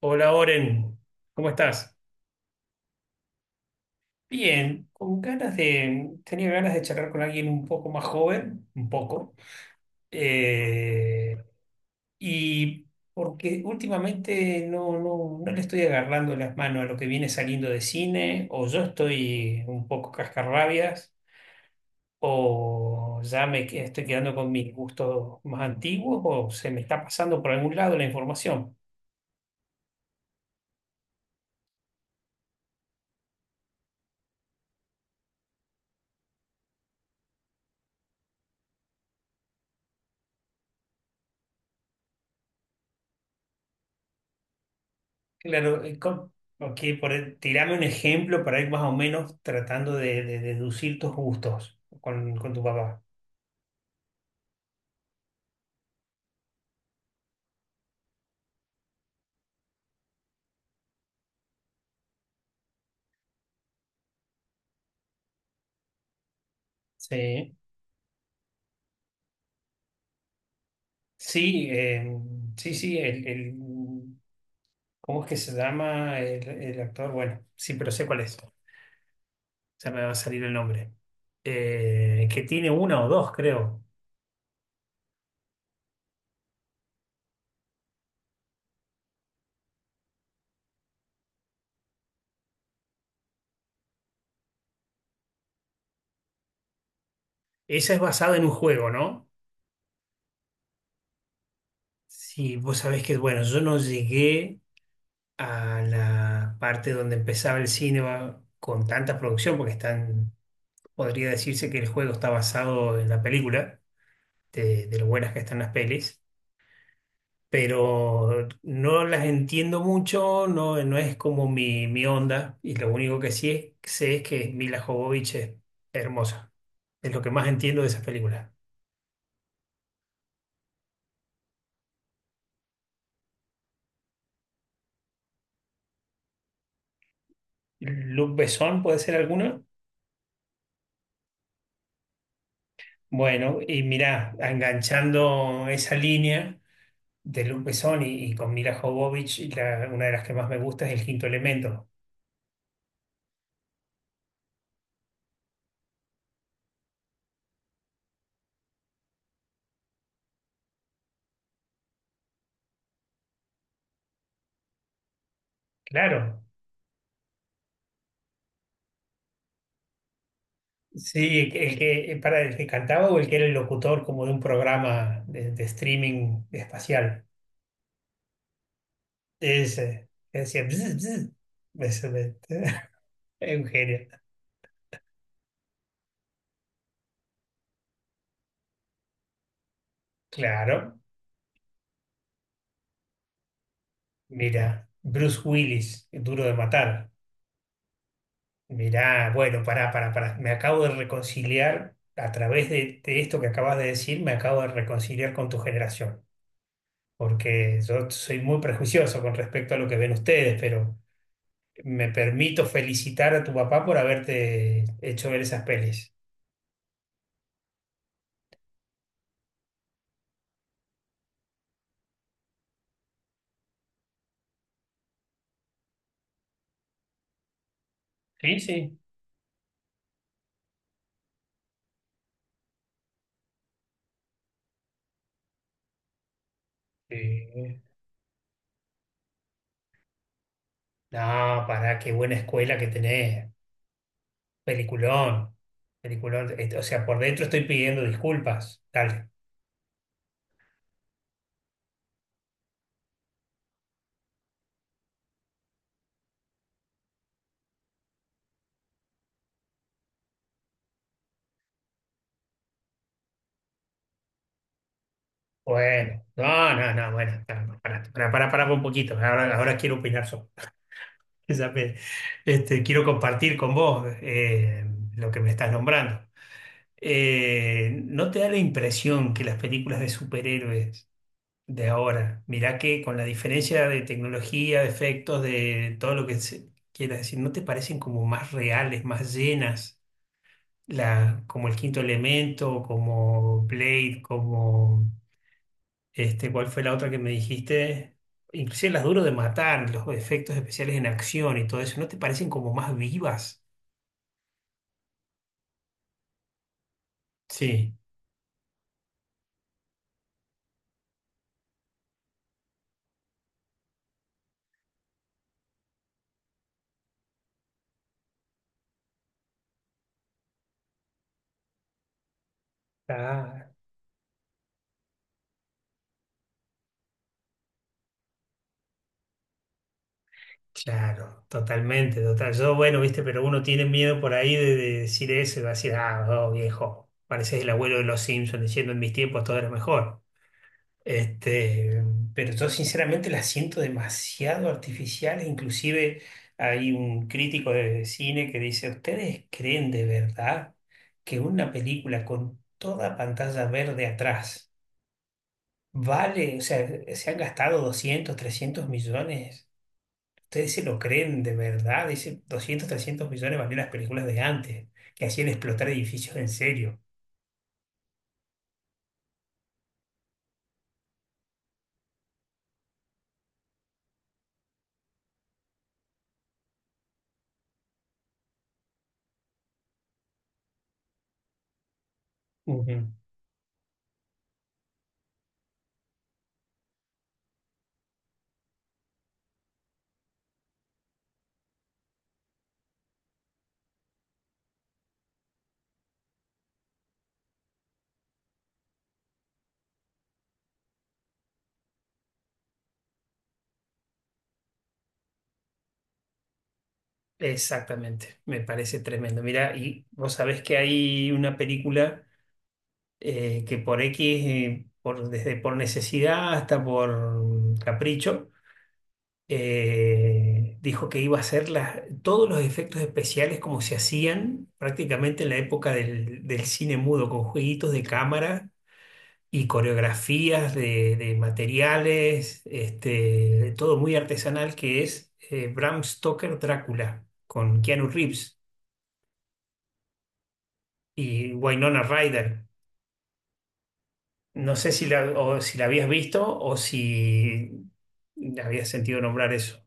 Hola Oren, ¿cómo estás? Bien, tenía ganas de charlar con alguien un poco más joven, un poco, eh, y porque últimamente no le estoy agarrando las manos a lo que viene saliendo de cine, o yo estoy un poco cascarrabias, o estoy quedando con mis gustos más antiguos, o se me está pasando por algún lado la información. Claro, ok, tirame un ejemplo para ir más o menos tratando de deducir tus gustos con tu papá. Sí. Sí, sí, sí, ¿cómo es que se llama el actor? Bueno, sí, pero sé cuál es. Ya me va a salir el nombre. Que tiene una o dos, creo. Esa es basada en un juego, ¿no? Sí, vos sabés que, bueno, yo no llegué a la parte donde empezaba el cine con tanta producción, porque están. Podría decirse que el juego está basado en la película, de lo buenas que están las pelis, pero no las entiendo mucho, no, no es como mi onda, y lo único que sí sé es que Mila Jovovich es hermosa. Es lo que más entiendo de esas películas. Luc Besson puede ser alguna. Bueno, y mirá, enganchando esa línea de Luc Besson y con Mila Jovovich, una de las que más me gusta es El Quinto Elemento. Claro. Sí, para el que cantaba o el que era el locutor como de un programa de streaming espacial. Ese, que decía, "Bzz, bzz". Ese me- es un genio. Claro, mira, Bruce Willis, Duro de Matar. Mirá, bueno, pará, pará, pará. Me acabo de reconciliar a través de esto que acabas de decir, me acabo de reconciliar con tu generación. Porque yo soy muy prejuicioso con respecto a lo que ven ustedes, pero. Me permito felicitar a tu papá por haberte hecho ver esas pelis. Sí, sí. Sí. No, pará, qué buena escuela que tenés. Peliculón. Peliculón. Este, o sea, por dentro estoy pidiendo disculpas. Dale. Bueno. No, no, no, bueno. Pará, pará, pará, pará pará un poquito. Ahora, ahora quiero opinar sobre. esa me- Este, quiero compartir con vos lo que me estás nombrando. ¿No te da la impresión que las películas de superhéroes de ahora? Mirá que con la diferencia de tecnología, de efectos, de todo lo que se quiera decir, ¿no te parecen como más reales, más llenas? Como el quinto elemento, como Blade, como este, ¿cuál fue la otra que me dijiste? Inclusive las duro de matar, los efectos especiales en acción y todo eso, ¿no te parecen como más vivas? Sí. Está, Claro, totalmente, total. Yo, bueno, viste, pero uno tiene miedo por ahí de decir eso y va a decir, ah, oh, viejo, pareces el abuelo de los Simpsons diciendo en mis tiempos todo era mejor. Este, pero yo sinceramente la siento demasiado artificial. Inclusive hay un crítico de cine que dice, ¿ustedes creen de verdad que una película con toda pantalla verde atrás vale, o sea, se han gastado 200, 300 millones? Ustedes se lo creen de verdad, dice 200 300 millones valían las películas de antes, que hacían explotar edificios en serio. Ujú. Exactamente, me parece tremendo. Mira, y vos sabés que hay una película que por X, desde por necesidad hasta por capricho, dijo que iba a hacer todos los efectos especiales como se hacían prácticamente en la época del cine mudo, con jueguitos de cámara y coreografías de materiales, este, de todo muy artesanal que es Bram Stoker Drácula con Keanu Reeves y Winona Ryder. No sé si la, o si la habías visto o si habías sentido nombrar eso.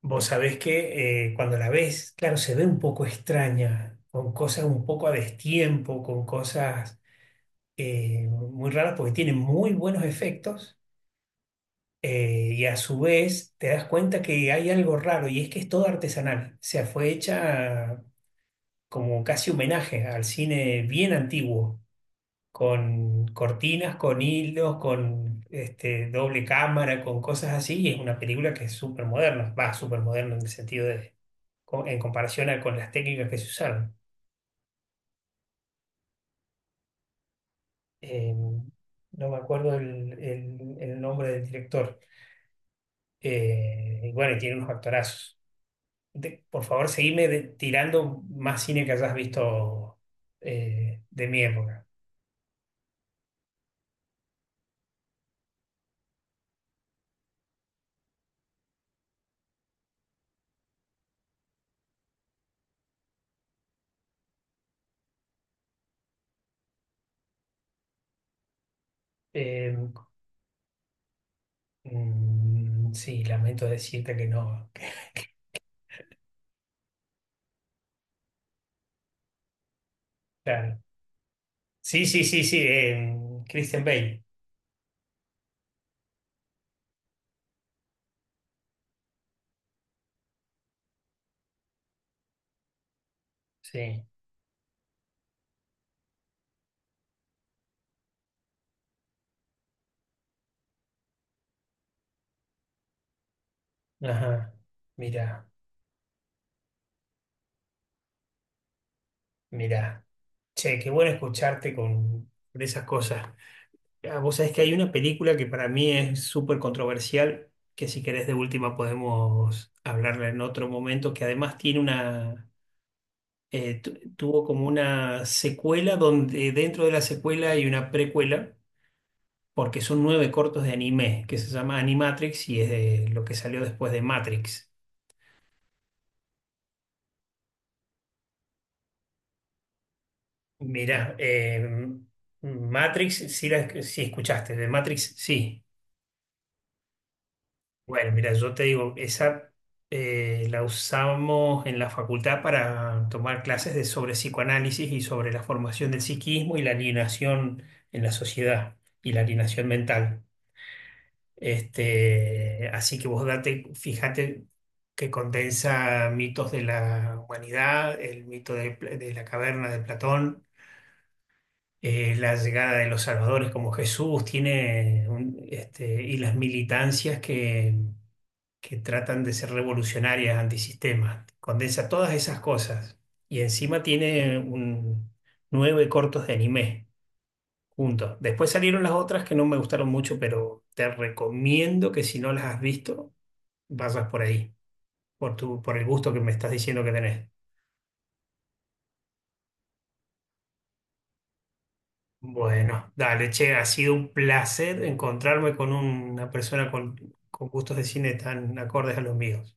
Vos sabés que cuando la ves, claro, se ve un poco extraña, con cosas un poco a destiempo, con cosas muy raras, porque tiene muy buenos efectos. Y a su vez te das cuenta que hay algo raro y es que es todo artesanal. O sea, fue hecha como casi homenaje al cine bien antiguo, con cortinas, con hilos, con este, doble cámara, con cosas así. Y es una película que es súper moderna, va, súper moderna en el sentido de, en comparación a con las técnicas que se usaron. Eh, no me acuerdo el nombre del director. Y bueno, y tiene unos actorazos. Por favor, seguime tirando más cine que hayas visto de mi época. Eh, mm, sí, lamento decirte que no. Claro. Sí, sí, sí, sí. Christian Bale. Sí. Ajá. Mira, mira. Che, qué bueno escucharte con esas cosas. Ah, vos sabés que hay una película que para mí es súper controversial, que si querés de última podemos hablarla en otro momento, que además tiene una tuvo como una secuela donde dentro de la secuela hay una precuela, porque son nueve cortos de anime, que se llama Animatrix y es de lo que salió después de Matrix. Mirá, Matrix, sí, sí escuchaste, de Matrix, sí. Bueno, mira, yo te digo, esa la usamos en la facultad para tomar clases sobre psicoanálisis y sobre la formación del psiquismo y la alienación en la sociedad y la alienación mental. Este, así que vos date, fíjate que condensa mitos de la humanidad, el mito de la caverna de Platón, la llegada de los salvadores como Jesús, tiene y las militancias que tratan de ser revolucionarias, antisistema. Condensa todas esas cosas. Y encima tiene nueve cortos de anime juntos. Después salieron las otras que no me gustaron mucho, pero te recomiendo que si no las has visto vayas por ahí, por el gusto que me estás diciendo que tenés. Bueno, dale, che, ha sido un placer encontrarme con una persona con, gustos de cine tan acordes a los míos.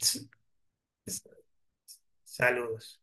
S- s- Saludos.